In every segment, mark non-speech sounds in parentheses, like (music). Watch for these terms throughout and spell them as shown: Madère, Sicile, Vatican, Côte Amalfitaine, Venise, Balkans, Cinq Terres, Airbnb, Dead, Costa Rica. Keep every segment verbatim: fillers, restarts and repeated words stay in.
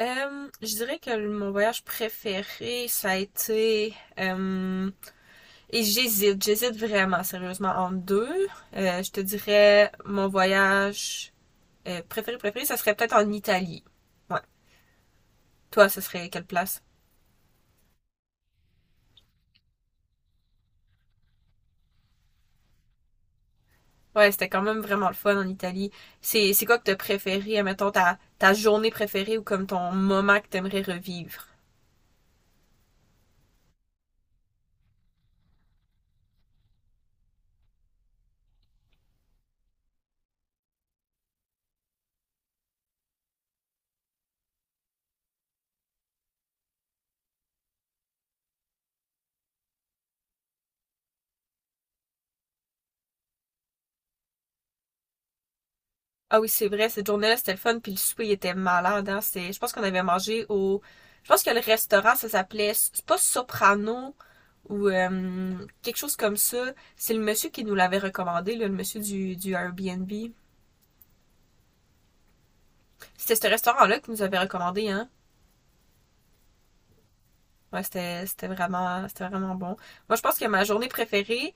Euh, je dirais que le- mon voyage préféré, ça a été... euh, et j'hésite, j'hésite vraiment sérieusement entre deux. Euh, je te dirais mon voyage euh, préféré, préféré, ça serait peut-être en Italie. Ouais. Toi, ce serait quelle place? Ouais, c'était quand même vraiment le fun en Italie. C'est, c'est quoi que t'as préféré, admettons, ta, ta journée préférée ou comme ton moment que t'aimerais revivre? Ah oui, c'est vrai, cette journée-là, c'était le fun, puis le souper, il était malade, hein. C'est, je pense qu'on avait mangé au, je pense que le restaurant, ça s'appelait, c'est pas Soprano, ou euh, quelque chose comme ça. C'est le monsieur qui nous l'avait recommandé, là, le monsieur du, du Airbnb. C'était ce restaurant-là qui nous avait recommandé, hein. Ouais, c'était, c'était vraiment, c'était vraiment bon. Moi, je pense que ma journée préférée,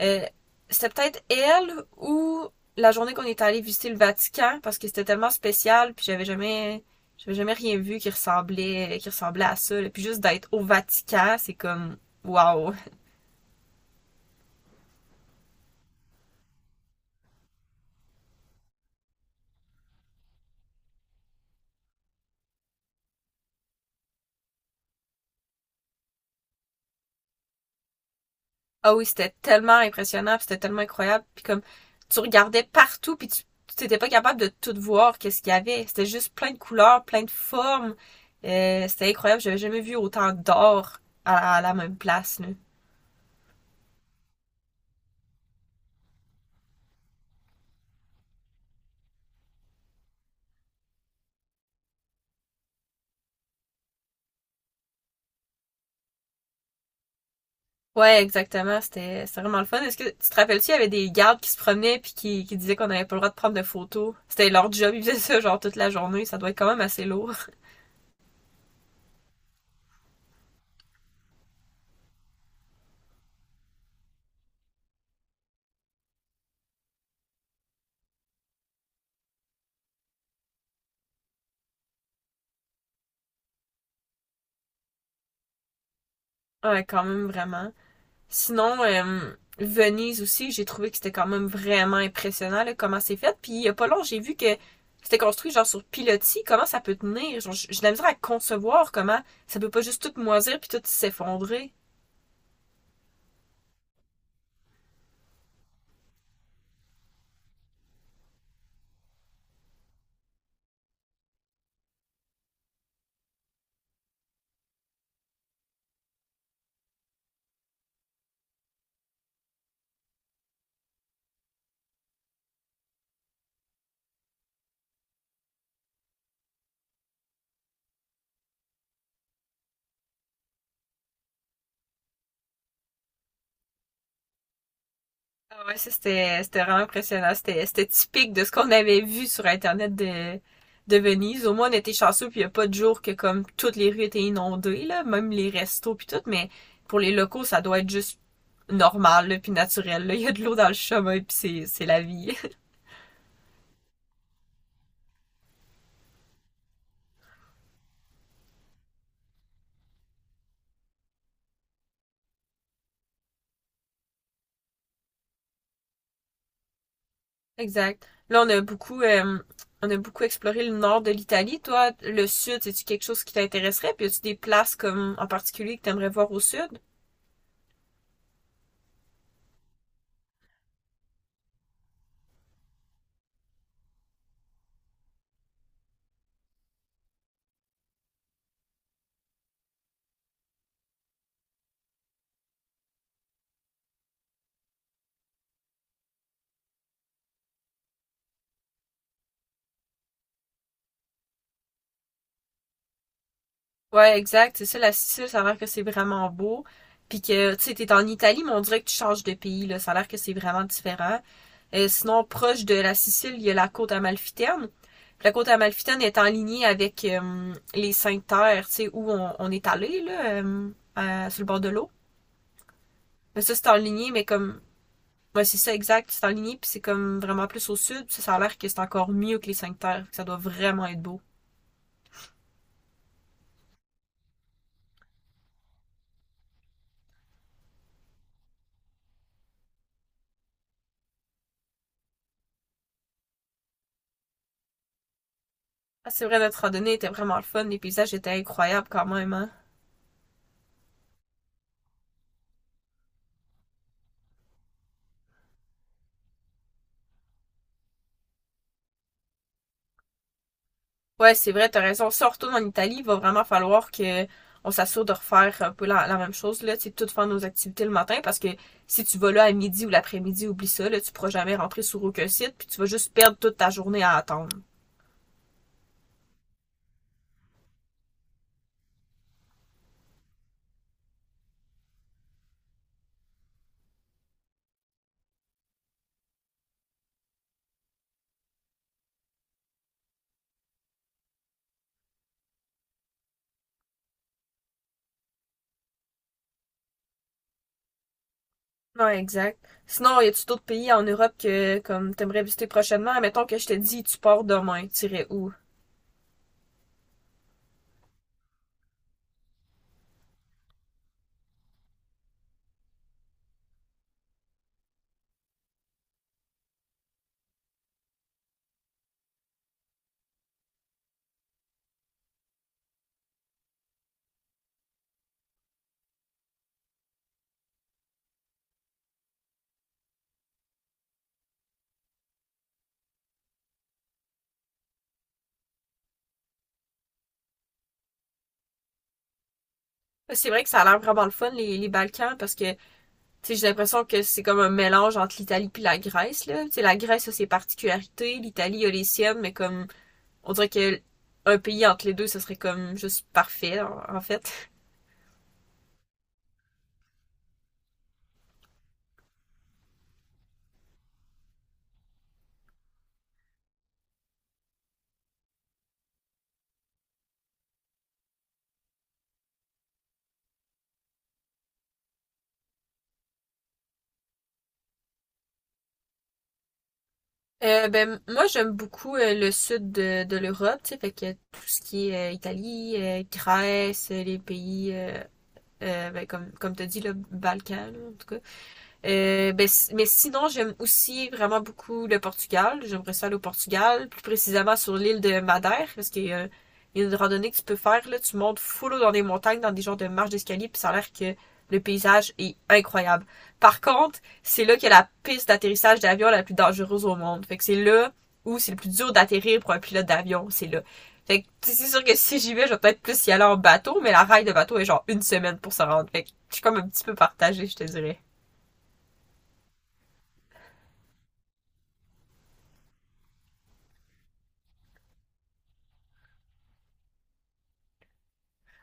Euh, c'était peut-être elle ou la journée qu'on est allé visiter le Vatican parce que c'était tellement spécial puis j'avais jamais j'avais jamais rien vu qui ressemblait qui ressemblait à ça là. Puis juste d'être au Vatican, c'est comme waouh. Ah oui, c'était tellement impressionnant puis c'était tellement incroyable puis comme tu regardais partout puis tu t'étais pas capable de tout voir qu'est-ce qu'il y avait. C'était juste plein de couleurs, plein de formes, euh, c'était incroyable, j'avais jamais vu autant d'or à, à la même place là. Ouais, exactement, c'était c'était vraiment le fun. Est-ce que tu te rappelles-tu, il y avait des gardes qui se promenaient puis qui, qui disaient qu'on n'avait pas le droit de prendre de photos. C'était leur job, ils faisaient ça genre toute la journée, ça doit être quand même assez lourd. (laughs) Ouais, quand même vraiment. Sinon, euh, Venise aussi, j'ai trouvé que c'était quand même vraiment impressionnant là, comment c'est fait. Puis il y a pas long, j'ai vu que c'était construit genre sur pilotis. Comment ça peut tenir? Genre, J'ai j'ai de la misère à concevoir comment ça peut pas juste tout moisir puis tout s'effondrer. Ah ouais, ça c'était c'était vraiment impressionnant. C'était c'était typique de ce qu'on avait vu sur Internet de, de Venise. Au moins on était chanceux puis il n'y a pas de jour que comme toutes les rues étaient inondées, là, même les restos puis tout, mais pour les locaux, ça doit être juste normal, là, puis naturel. Là. Il y a de l'eau dans le chemin puis c'est c'est la vie. (laughs) Exact. Là on a beaucoup euh, on a beaucoup exploré le nord de l'Italie. Toi, le sud, c'est-tu quelque chose qui t'intéresserait? Puis as-tu des places comme en particulier que t'aimerais voir au sud? Ouais, exact. C'est ça, la Sicile, ça a l'air que c'est vraiment beau. Puis que, tu sais, t'es en Italie, mais on dirait que tu changes de pays, là. Ça a l'air que c'est vraiment différent. Euh, sinon, proche de la Sicile, il y a la côte amalfitaine. Puis la côte amalfitaine est en lignée avec euh, les Cinq Terres, tu sais, où on, on est allé, là, euh, à- sur le bord de l'eau. Mais ça, c'est en lignée, mais comme... Ouais, c'est ça, exact. C'est en lignée, puis c'est comme vraiment plus au sud. Ça, ça a l'air que c'est encore mieux que les Cinq Terres. Ça doit vraiment être beau. Ah, c'est vrai, notre randonnée était vraiment le fun. Les paysages étaient incroyables quand même, hein. Ouais, c'est vrai, t'as raison. Si on retourne en Italie, il va vraiment falloir que on s'assure de refaire un peu la, la même chose, là, tu sais, toutes faire nos activités le matin, parce que si tu vas là à midi ou l'après-midi, oublie ça, là, tu pourras jamais rentrer sur aucun site, puis tu vas juste perdre toute ta journée à attendre. Non, exact. Sinon, y a-tu d'autres pays en Europe que, comme, t'aimerais visiter prochainement? Mettons que je te dis, tu pars demain, t'irais où? C'est vrai que ça a l'air vraiment le fun, les, les Balkans, parce que, tu sais, j'ai l'impression que c'est comme un mélange entre l'Italie puis la Grèce, là. Tu sais, la Grèce a ses particularités, l'Italie a les siennes, mais comme, on dirait que un pays entre les deux, ce serait comme juste parfait, en, fait. Euh, ben, moi, j'aime beaucoup euh, le sud de, de l'Europe, tu sais, fait que tout ce qui est euh, Italie, euh, Grèce, les pays, euh, euh, ben, comme, comme t'as dit, le Balkan, là, en tout cas. Euh, ben, si- mais sinon, j'aime aussi vraiment beaucoup le Portugal. J'aimerais ça aller au Portugal, plus précisément sur l'île de Madère, parce qu'il y a une randonnée que tu peux faire, là, tu montes full dans des montagnes, dans des genres de marches d'escalier, puis ça a l'air que le paysage est incroyable. Par contre, c'est là qu'il y a la piste d'atterrissage d'avion la plus dangereuse au monde. Fait que c'est là où c'est le plus dur d'atterrir pour un pilote d'avion, c'est là. Fait que c'est sûr que si j'y vais, je vais peut-être plus y aller en bateau, mais la raille de bateau est genre une semaine pour se rendre. Fait que je suis comme un petit peu partagée, je te dirais.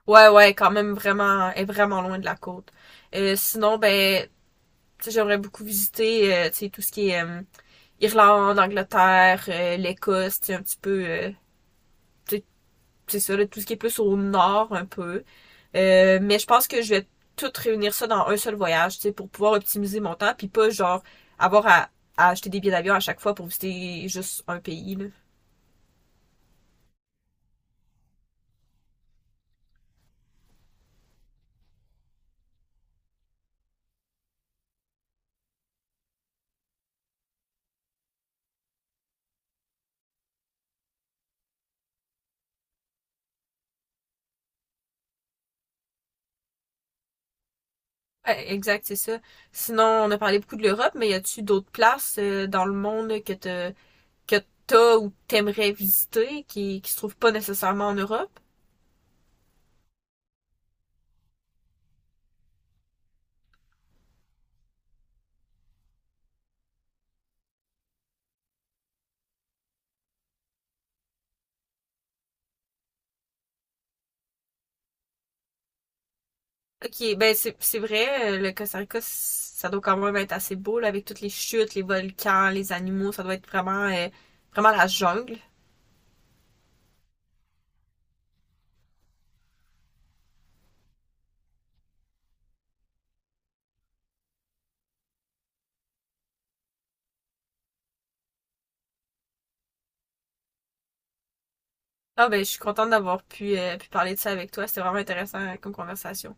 Ouais, ouais, quand même vraiment, elle est vraiment loin de la côte. Euh, sinon, ben, tu sais, j'aimerais beaucoup visiter, euh, tu sais, tout ce qui est euh, Irlande, Angleterre, euh, l'Écosse, tu sais, un petit peu, euh, tu sais, c'est ça, là, tout ce qui est plus au nord un peu. Euh, mais je pense que je vais tout réunir ça dans un seul voyage, tu sais, pour pouvoir optimiser mon temps, puis pas genre avoir à, à acheter des billets d'avion à chaque fois pour visiter juste un pays, là. Ouais, exact, c'est ça. Sinon, on a parlé beaucoup de l'Europe, mais y a-tu d'autres places euh, dans le monde que t'as que t'as ou t'aimerais visiter qui, qui se trouve pas nécessairement en Europe? Ok, ben c'est c'est vrai, euh, le Costa Rica, ça doit quand même être assez beau, là, avec toutes les chutes, les volcans, les animaux, ça doit être vraiment, euh, vraiment la jungle. Ah ben, je suis contente d'avoir pu, euh, pu parler de ça avec toi, c'était vraiment intéressant euh, comme conversation.